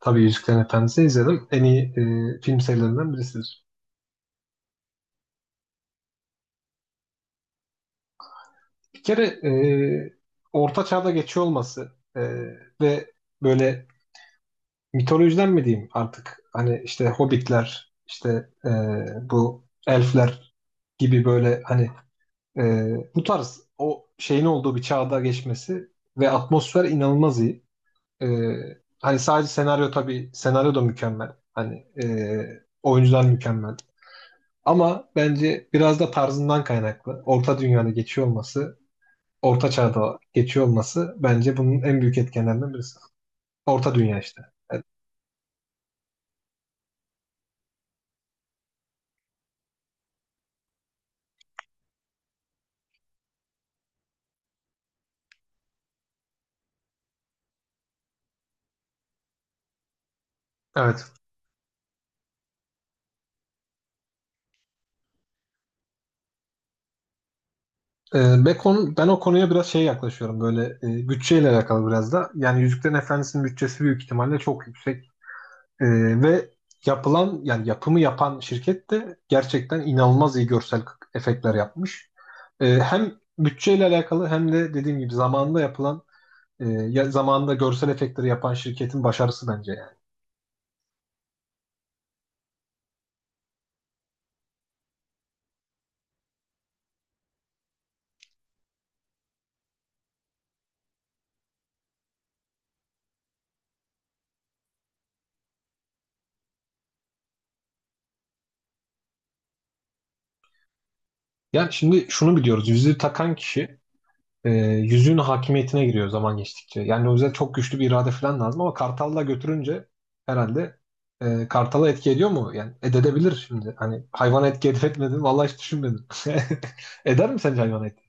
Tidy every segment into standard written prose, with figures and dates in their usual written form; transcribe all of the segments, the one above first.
Tabii Yüzüklerin Efendisi izledim. En iyi film serilerinden birisidir. Bir kere Orta Çağ'da geçiyor olması ve böyle mitolojiden mi diyeyim artık hani işte hobbitler işte e, bu elfler gibi böyle hani e, bu tarz o şeyin olduğu bir çağda geçmesi ve atmosfer inanılmaz iyi. E, Hani sadece senaryo tabii senaryo da mükemmel. Hani e, oyuncular mükemmel. Ama bence biraz da tarzından kaynaklı. Orta dünyada geçiyor olması, orta çağda geçiyor olması bence bunun en büyük etkenlerinden birisi. Orta dünya işte. Evet. Ve konu, ben o konuya biraz şey yaklaşıyorum böyle bütçeyle alakalı biraz da. Yani Yüzüklerin Efendisi'nin bütçesi büyük ihtimalle çok yüksek. Ve yapılan yani yapımı yapan şirket de gerçekten inanılmaz iyi görsel efektler yapmış. Hem bütçeyle alakalı hem de dediğim gibi zamanında yapılan e, zamanında görsel efektleri yapan şirketin başarısı bence yani. Ya şimdi şunu biliyoruz. Yüzüğü takan kişi yüzüğün hakimiyetine giriyor zaman geçtikçe. Yani o yüzden çok güçlü bir irade falan lazım ama Kartal'la götürünce herhalde Kartal'a etki ediyor mu? Yani edebilir şimdi. Hani hayvana etki edip etmedi mi? Vallahi hiç düşünmedim. Eder mi sence hayvana etki?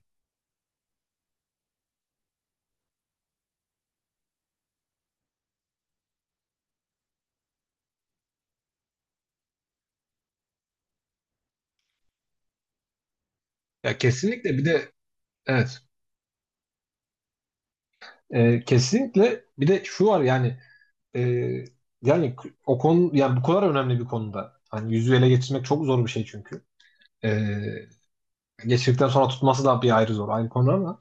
Ya kesinlikle bir de evet. Kesinlikle bir de şu var yani e, yani o konu yani bu kadar önemli bir konuda. Hani yüzüğü ele geçirmek çok zor bir şey çünkü. E, Geçirdikten sonra tutması da bir ayrı zor. Aynı konu ama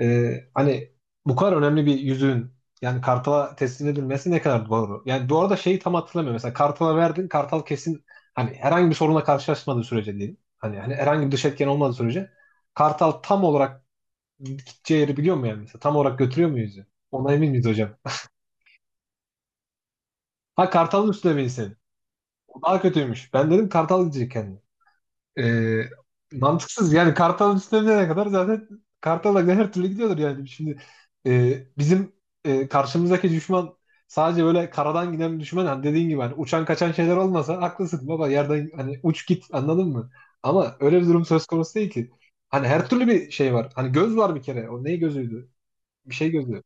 hani bu kadar önemli bir yüzüğün yani kartala teslim edilmesi ne kadar doğru. Yani bu arada şeyi tam hatırlamıyorum. Mesela kartala verdin. Kartal kesin hani herhangi bir sorunla karşılaşmadığı sürece değil. Hani herhangi bir dış etken olmadığı sürece kartal tam olarak gideceği yeri biliyor mu yani? Mesela tam olarak götürüyor mu yüzüğü? Ona emin miyiz hocam? Ha, kartalın üstüne binsin. O daha kötüymüş. Ben dedim kartal gidecek kendi. Ee, Mantıksız yani Kartal üstüne ne kadar zaten Kartal'a her türlü gidiyordur yani. Şimdi bizim karşımızdaki düşman sadece böyle karadan giden bir düşman, hani dediğin gibi hani uçan kaçan şeyler olmasa haklısın baba, yerden hani uç git, anladın mı? Ama öyle bir durum söz konusu değil ki. Hani her türlü bir şey var. Hani göz var bir kere. O ne gözüydü? Bir şey gözü.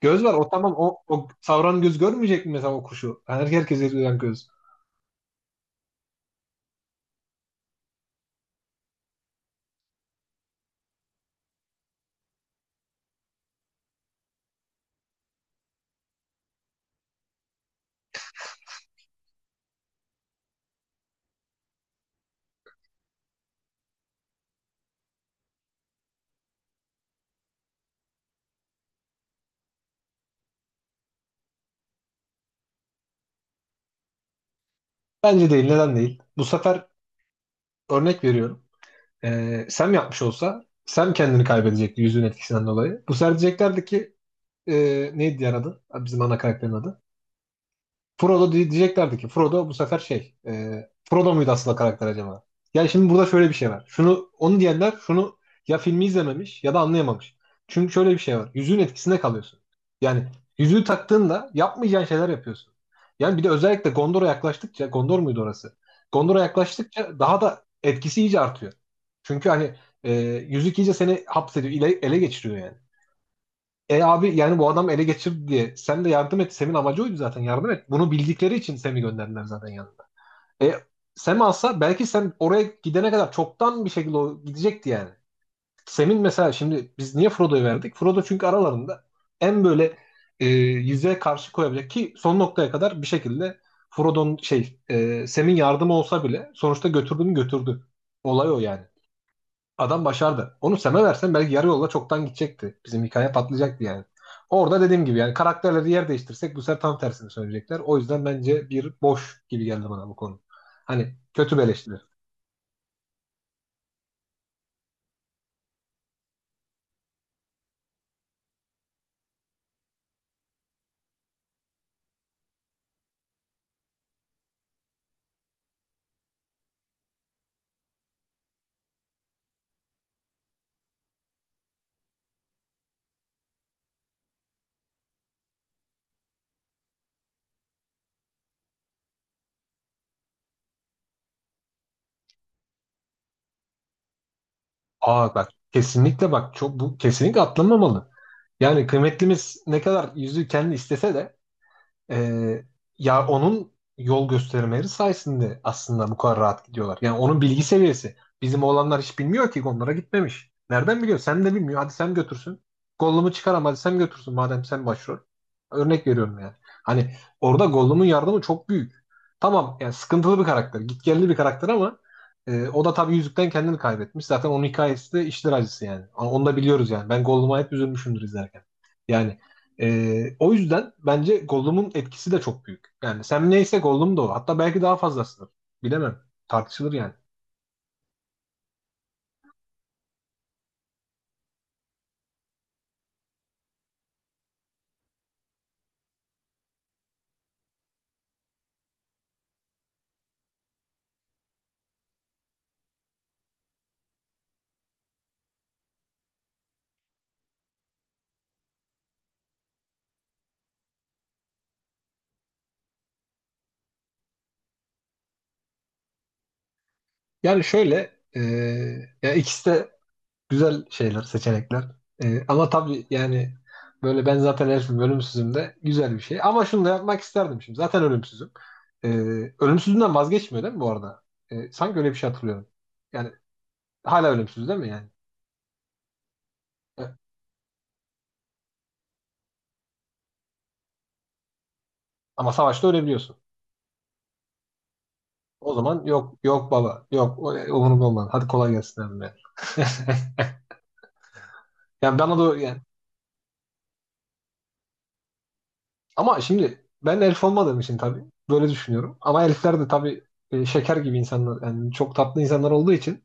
Göz var. O tamam. O, o savran göz görmeyecek mi mesela o kuşu? Yani herkes göz. Bence değil. Neden değil? Bu sefer örnek veriyorum. Sam yapmış olsa Sam kendini kaybedecekti yüzüğün etkisinden dolayı. Bu sefer diyeceklerdi ki e, neydi diğer adı? Ha, bizim ana karakterin adı. Diyeceklerdi ki Frodo bu sefer şey Frodo muydu aslında karakter acaba? Yani şimdi burada şöyle bir şey var. Şunu onu diyenler şunu ya filmi izlememiş ya da anlayamamış. Çünkü şöyle bir şey var. Yüzüğün etkisinde kalıyorsun. Yani yüzüğü taktığında yapmayacağın şeyler yapıyorsun. Yani bir de özellikle Gondor'a yaklaştıkça, Gondor muydu orası? Gondor'a yaklaştıkça daha da etkisi iyice artıyor. Çünkü hani e, yüzük iyice seni hapsediyor, ele geçiriyor yani. E abi yani bu adam ele geçirdi diye. Sen de yardım et. Sem'in amacı oydu zaten. Yardım et. Bunu bildikleri için Sem'i gönderdiler zaten yanında. E Sem alsa belki Sem oraya gidene kadar çoktan bir şekilde o gidecekti yani. Sem'in mesela şimdi biz niye Frodo'yu verdik? Frodo çünkü aralarında en böyle yüzeye karşı koyabilecek ki son noktaya kadar bir şekilde Frodo'nun şey Sem'in yardımı olsa bile sonuçta götürdüğünü götürdü. Olay o yani. Adam başardı. Onu Sam'e versen belki yarı yolda çoktan gidecekti. Bizim hikaye patlayacaktı yani. Orada dediğim gibi yani karakterleri yer değiştirsek bu sefer tam tersini söyleyecekler. O yüzden bence bir boş gibi geldi bana bu konu. Hani kötü bir eleştiri. Aa bak kesinlikle bak çok bu kesinlikle atlanmamalı. Yani kıymetlimiz ne kadar yüzüğü kendi istese de Ee, ya onun yol göstermeleri sayesinde aslında bu kadar rahat gidiyorlar. Yani onun bilgi seviyesi. Bizim oğlanlar hiç bilmiyor ki, onlara gitmemiş. Nereden biliyor? Sen de bilmiyor. Hadi sen götürsün. Gollum'u çıkaram hadi sen götürsün madem sen başrol. Örnek veriyorum yani. Hani orada Gollum'un yardımı çok büyük. Tamam yani sıkıntılı bir karakter. Gitgelli bir karakter ama o da tabii yüzükten kendini kaybetmiş. Zaten onun hikayesi de işler acısı yani. Onu da biliyoruz yani. Ben Gollum'a hep üzülmüşümdür izlerken. Yani o yüzden bence Gollum'un etkisi de çok büyük. Yani Sam neyse Gollum da o. Hatta belki daha fazlasıdır. Bilemem. Tartışılır yani. Yani şöyle, ya ikisi de güzel şeyler, seçenekler. Ama tabii yani böyle ben zaten herifim ölümsüzüm de güzel bir şey. Ama şunu da yapmak isterdim şimdi. Zaten ölümsüzüm. Ee, Ölümsüzlüğünden vazgeçmiyor değil mi bu arada? Sanki öyle bir şey hatırlıyorum. Yani hala ölümsüz değil mi yani? Ee, Ama savaşta ölebiliyorsun. O zaman yok yok baba yok umurumda olmaz. Hadi kolay gelsin abi. Yani bana da yani ama şimdi ben elf olmadığım için tabii böyle düşünüyorum. Ama elfler de tabii şeker gibi insanlar yani çok tatlı insanlar olduğu için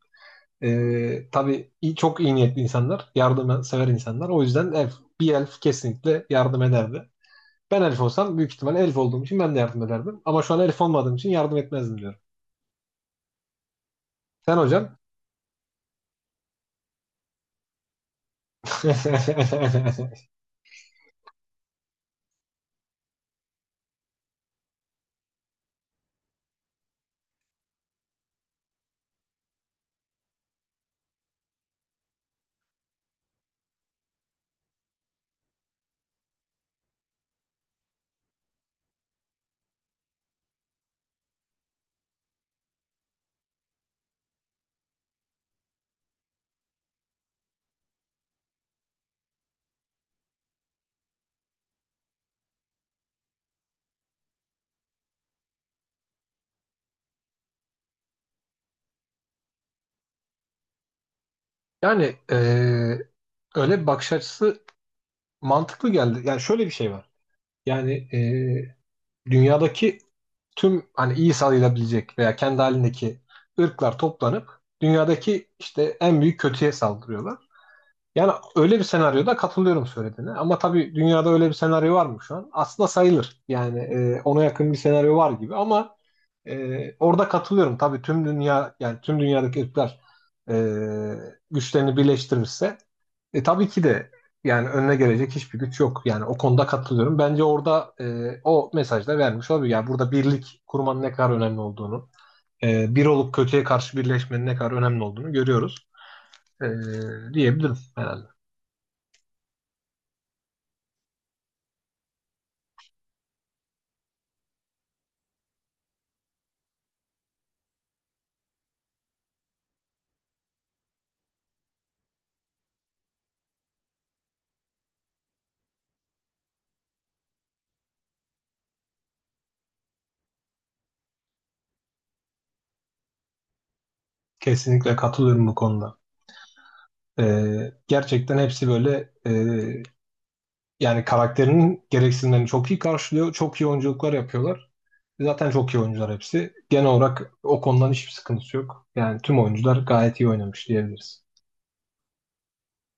tabii çok iyi niyetli insanlar, yardım sever insanlar. O yüzden bir elf kesinlikle yardım ederdi. Ben elf olsam büyük ihtimalle elf olduğum için ben de yardım ederdim. Ama şu an elf olmadığım için yardım etmezdim diyorum. Sen hocam? Yani öyle bir bakış açısı mantıklı geldi. Yani şöyle bir şey var. Yani dünyadaki tüm hani iyi sayılabilecek veya kendi halindeki ırklar toplanıp dünyadaki işte en büyük kötüye saldırıyorlar. Yani öyle bir senaryoda katılıyorum söylediğine. Ama tabii dünyada öyle bir senaryo var mı şu an? Aslında sayılır. Yani ona yakın bir senaryo var gibi ama orada katılıyorum. Tabii tüm dünya yani tüm dünyadaki ırklar e, güçlerini birleştirirse tabii ki de yani önüne gelecek hiçbir güç yok. Yani o konuda katılıyorum. Bence orada o mesaj da vermiş olabilir. Yani burada birlik kurmanın ne kadar önemli olduğunu, bir olup kötüye karşı birleşmenin ne kadar önemli olduğunu görüyoruz, e, diyebilirim herhalde. Kesinlikle katılıyorum bu konuda. E, Gerçekten hepsi böyle yani karakterinin gereksinimlerini çok iyi karşılıyor. Çok iyi oyunculuklar yapıyorlar. Zaten çok iyi oyuncular hepsi. Genel olarak o konudan hiçbir sıkıntısı yok. Yani tüm oyuncular gayet iyi oynamış diyebiliriz.